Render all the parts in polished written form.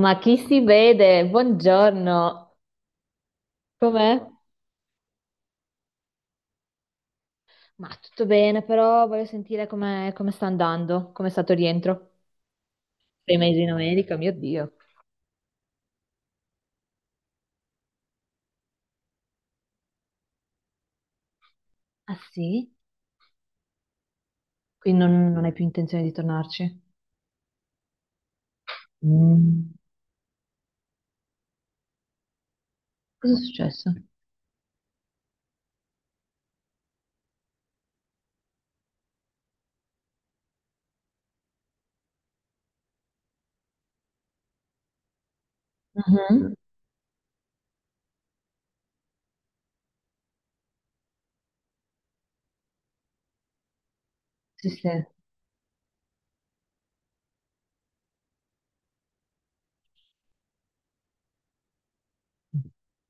Ma chi si vede? Buongiorno, com'è? Ma tutto bene, però voglio sentire come come sta andando, come è stato il rientro. Sei mesi in America, mio Dio. Ah sì? Quindi non hai più intenzione di tornarci? Mm. Cosa è successo? Mhm. Sì, sì.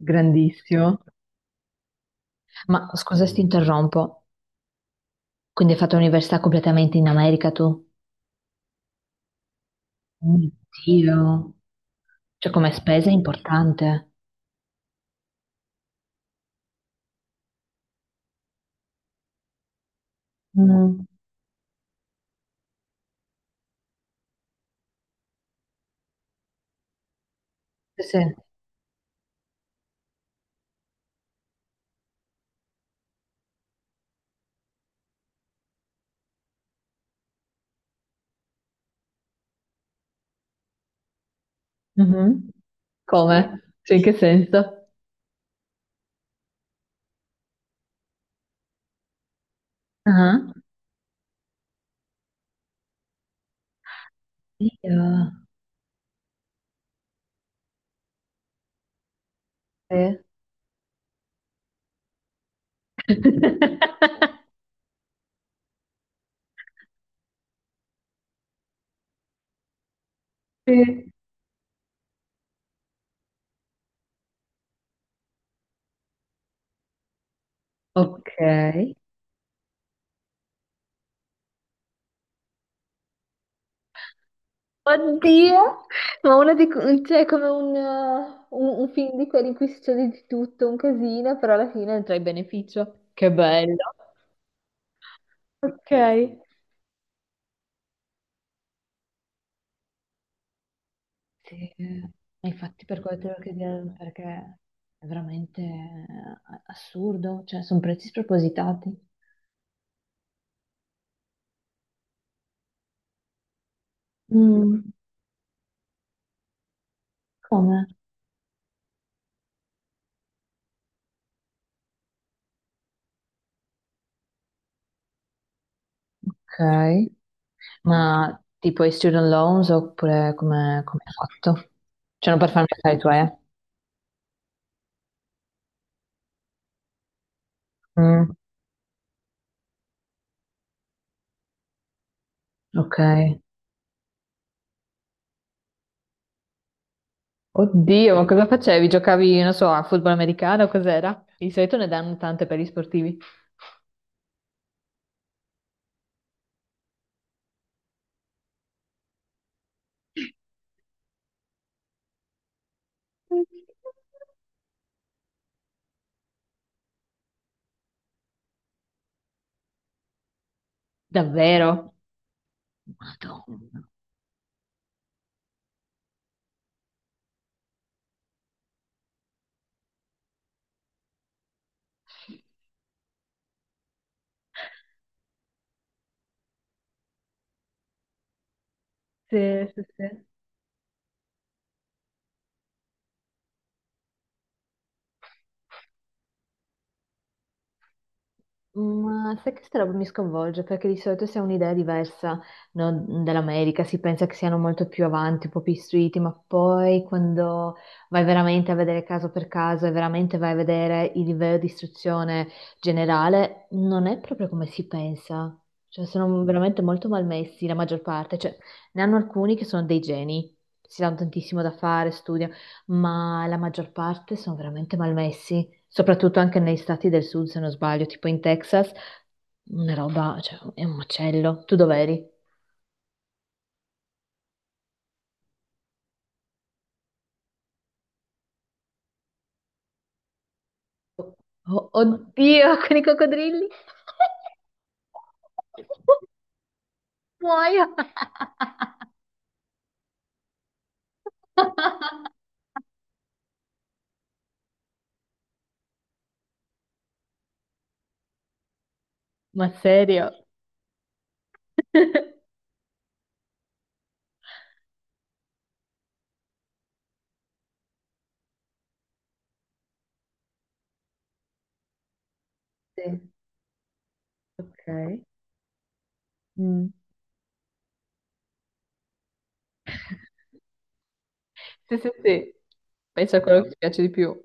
Grandissimo. Ma scusa se ti interrompo, quindi hai fatto l'università completamente in America tu? Oh mio Dio. Cioè come spesa è importante. Mm. Sì, sì. Mhm. Come? Cioè, in che senso? Ah, io. Sì. Sì. Ok. Oddio, ma una di, cioè, è come un film di quelli in cui succede di tutto, un casino, però alla fine ne trai beneficio. Che bello. Ok. Sì, ma infatti per quello te lo chiedevo, perché è veramente assurdo, cioè sono prezzi spropositati. Mm. Come? Ok, ma tipo i student loans oppure come come hai fatto? Cioè, non per farmi pensare i tuoi, eh? Mm, ok. Oddio, ma cosa facevi? Giocavi, non so, a football americano? Cos'era? Di solito ne danno tante per gli sportivi. Davvero? Madonna. Sì, sì, sì. Ma sai che questa roba mi sconvolge perché di solito si ha un'idea diversa, no, dell'America, si pensa che siano molto più avanti, un po' più istruiti, ma poi quando vai veramente a vedere caso per caso e veramente vai a vedere il livello di istruzione generale, non è proprio come si pensa. Cioè, sono veramente molto malmessi la maggior parte, cioè ne hanno alcuni che sono dei geni, si danno tantissimo da fare, studiano, ma la maggior parte sono veramente malmessi soprattutto anche negli stati del sud, se non sbaglio, tipo in Texas, una roba, cioè, è un macello. Tu dov'eri? Oh, oddio, con i coccodrilli? Muoio! Ma serio? Sì, ok. Mm. Sì, sì, sì. Penso a quello che ti piace di più.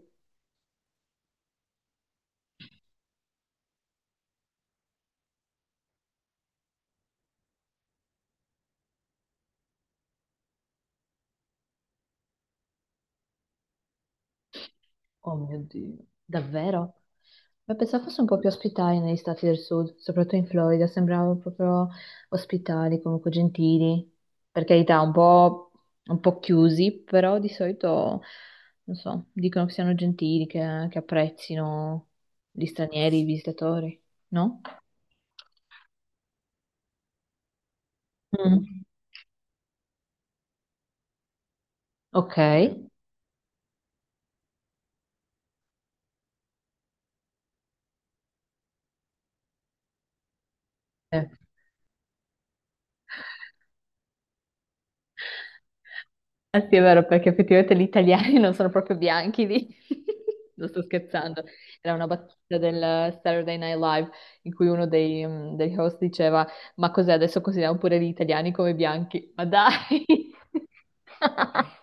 Oh mio Dio, davvero? Ma pensavo fosse un po' più ospitali negli stati del sud, soprattutto in Florida, sembravano proprio ospitali, comunque gentili, per carità, un po' chiusi, però di solito, non so, dicono che siano gentili, che apprezzino gli stranieri, i visitatori, no? Mm. Ok. Eh. Eh sì, è vero, perché effettivamente gli italiani non sono proprio bianchi lì. Non sto scherzando. Era una battuta del Saturday Night Live in cui uno dei, mm, degli host diceva: Ma cos'è adesso consideriamo pure gli italiani come bianchi? Ma dai!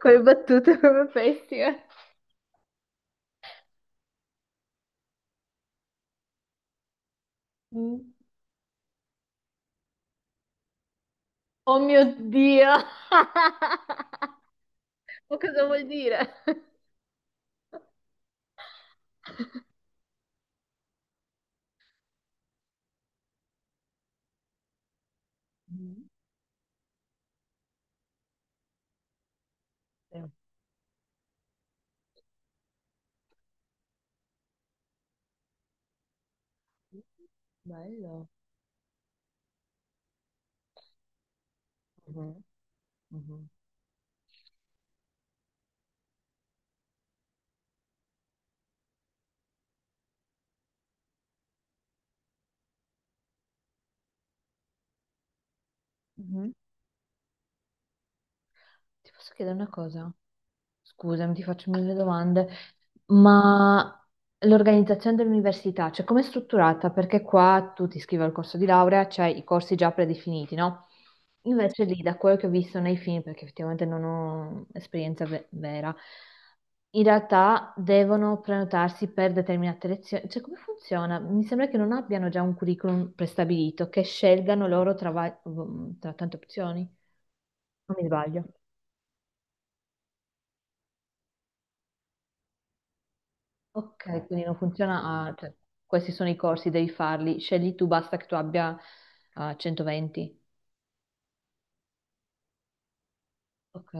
Quelle battute proprio pessime. Mm. Oh mio Dio! Ma cosa vuol dire? Mm. Eh, bello. Mhm, mhm, mhm. Ti posso chiedere una cosa? Scusami, ti faccio mille domande, ma l'organizzazione dell'università, cioè com'è strutturata? Perché qua tu ti iscrivi al corso di laurea, c'hai i corsi già predefiniti, no? Invece lì, da quello che ho visto nei film, perché effettivamente non ho esperienza vera, in realtà devono prenotarsi per determinate lezioni. Cioè, come funziona? Mi sembra che non abbiano già un curriculum prestabilito, che scelgano loro tra tra tante opzioni. Non mi sbaglio. Ok, quindi non funziona, ah, cioè, questi sono i corsi, devi farli, scegli tu, basta che tu abbia ah, 120. Ok,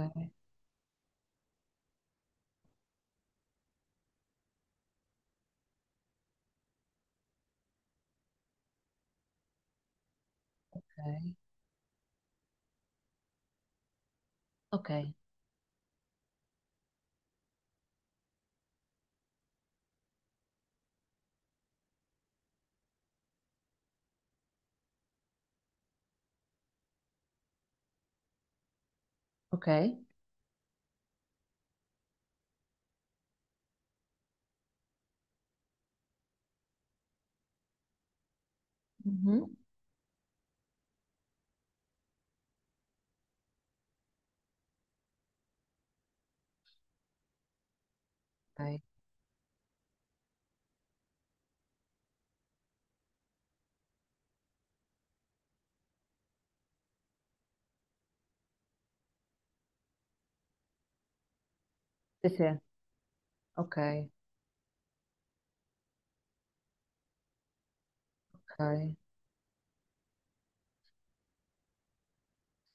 ok, ok, ok. Mhm. Ok. Sì, sì, ok, ok.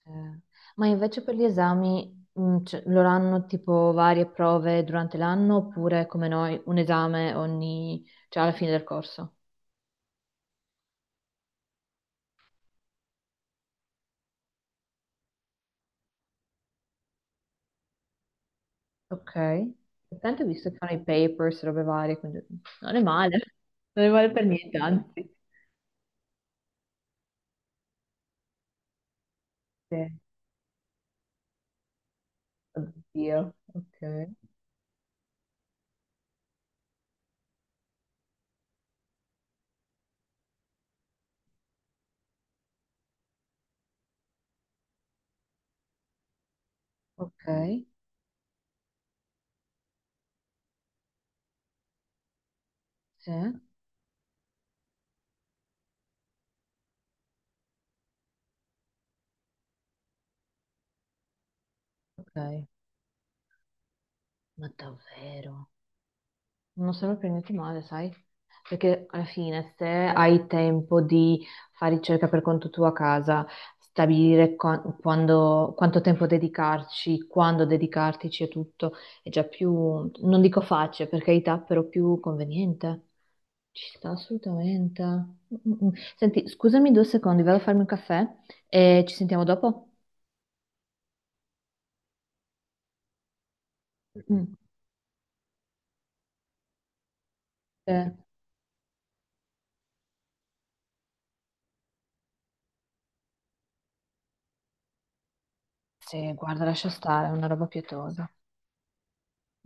Eh, ma invece per gli esami, mm, cioè, loro hanno tipo varie prove durante l'anno oppure come noi un esame ogni, cioè alla fine del corso? Ok. Tanto ho visto che fanno i papers, robe varie, quindi non è male, non è male per niente, anzi. Sì. Oddio, ok, ok, sì, ok, ma davvero, non sembra per niente male, sai? Perché alla fine, se hai tempo di fare ricerca per conto tuo a casa, stabilire quanto tempo dedicarci, quando dedicartici e tutto, è già più, non dico facile, per carità, però più conveniente. Ci sta assolutamente. Mm, mm, mm. Senti, scusami due secondi, vado a farmi un caffè e ci sentiamo dopo? Mm. Eh, sì, guarda, lascia stare, è una roba pietosa.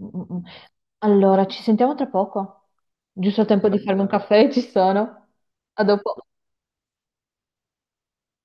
Mm, mm, mm. Allora, ci sentiamo tra poco. Giusto il tempo Va di farmi un bene. Caffè, ci sono. A dopo.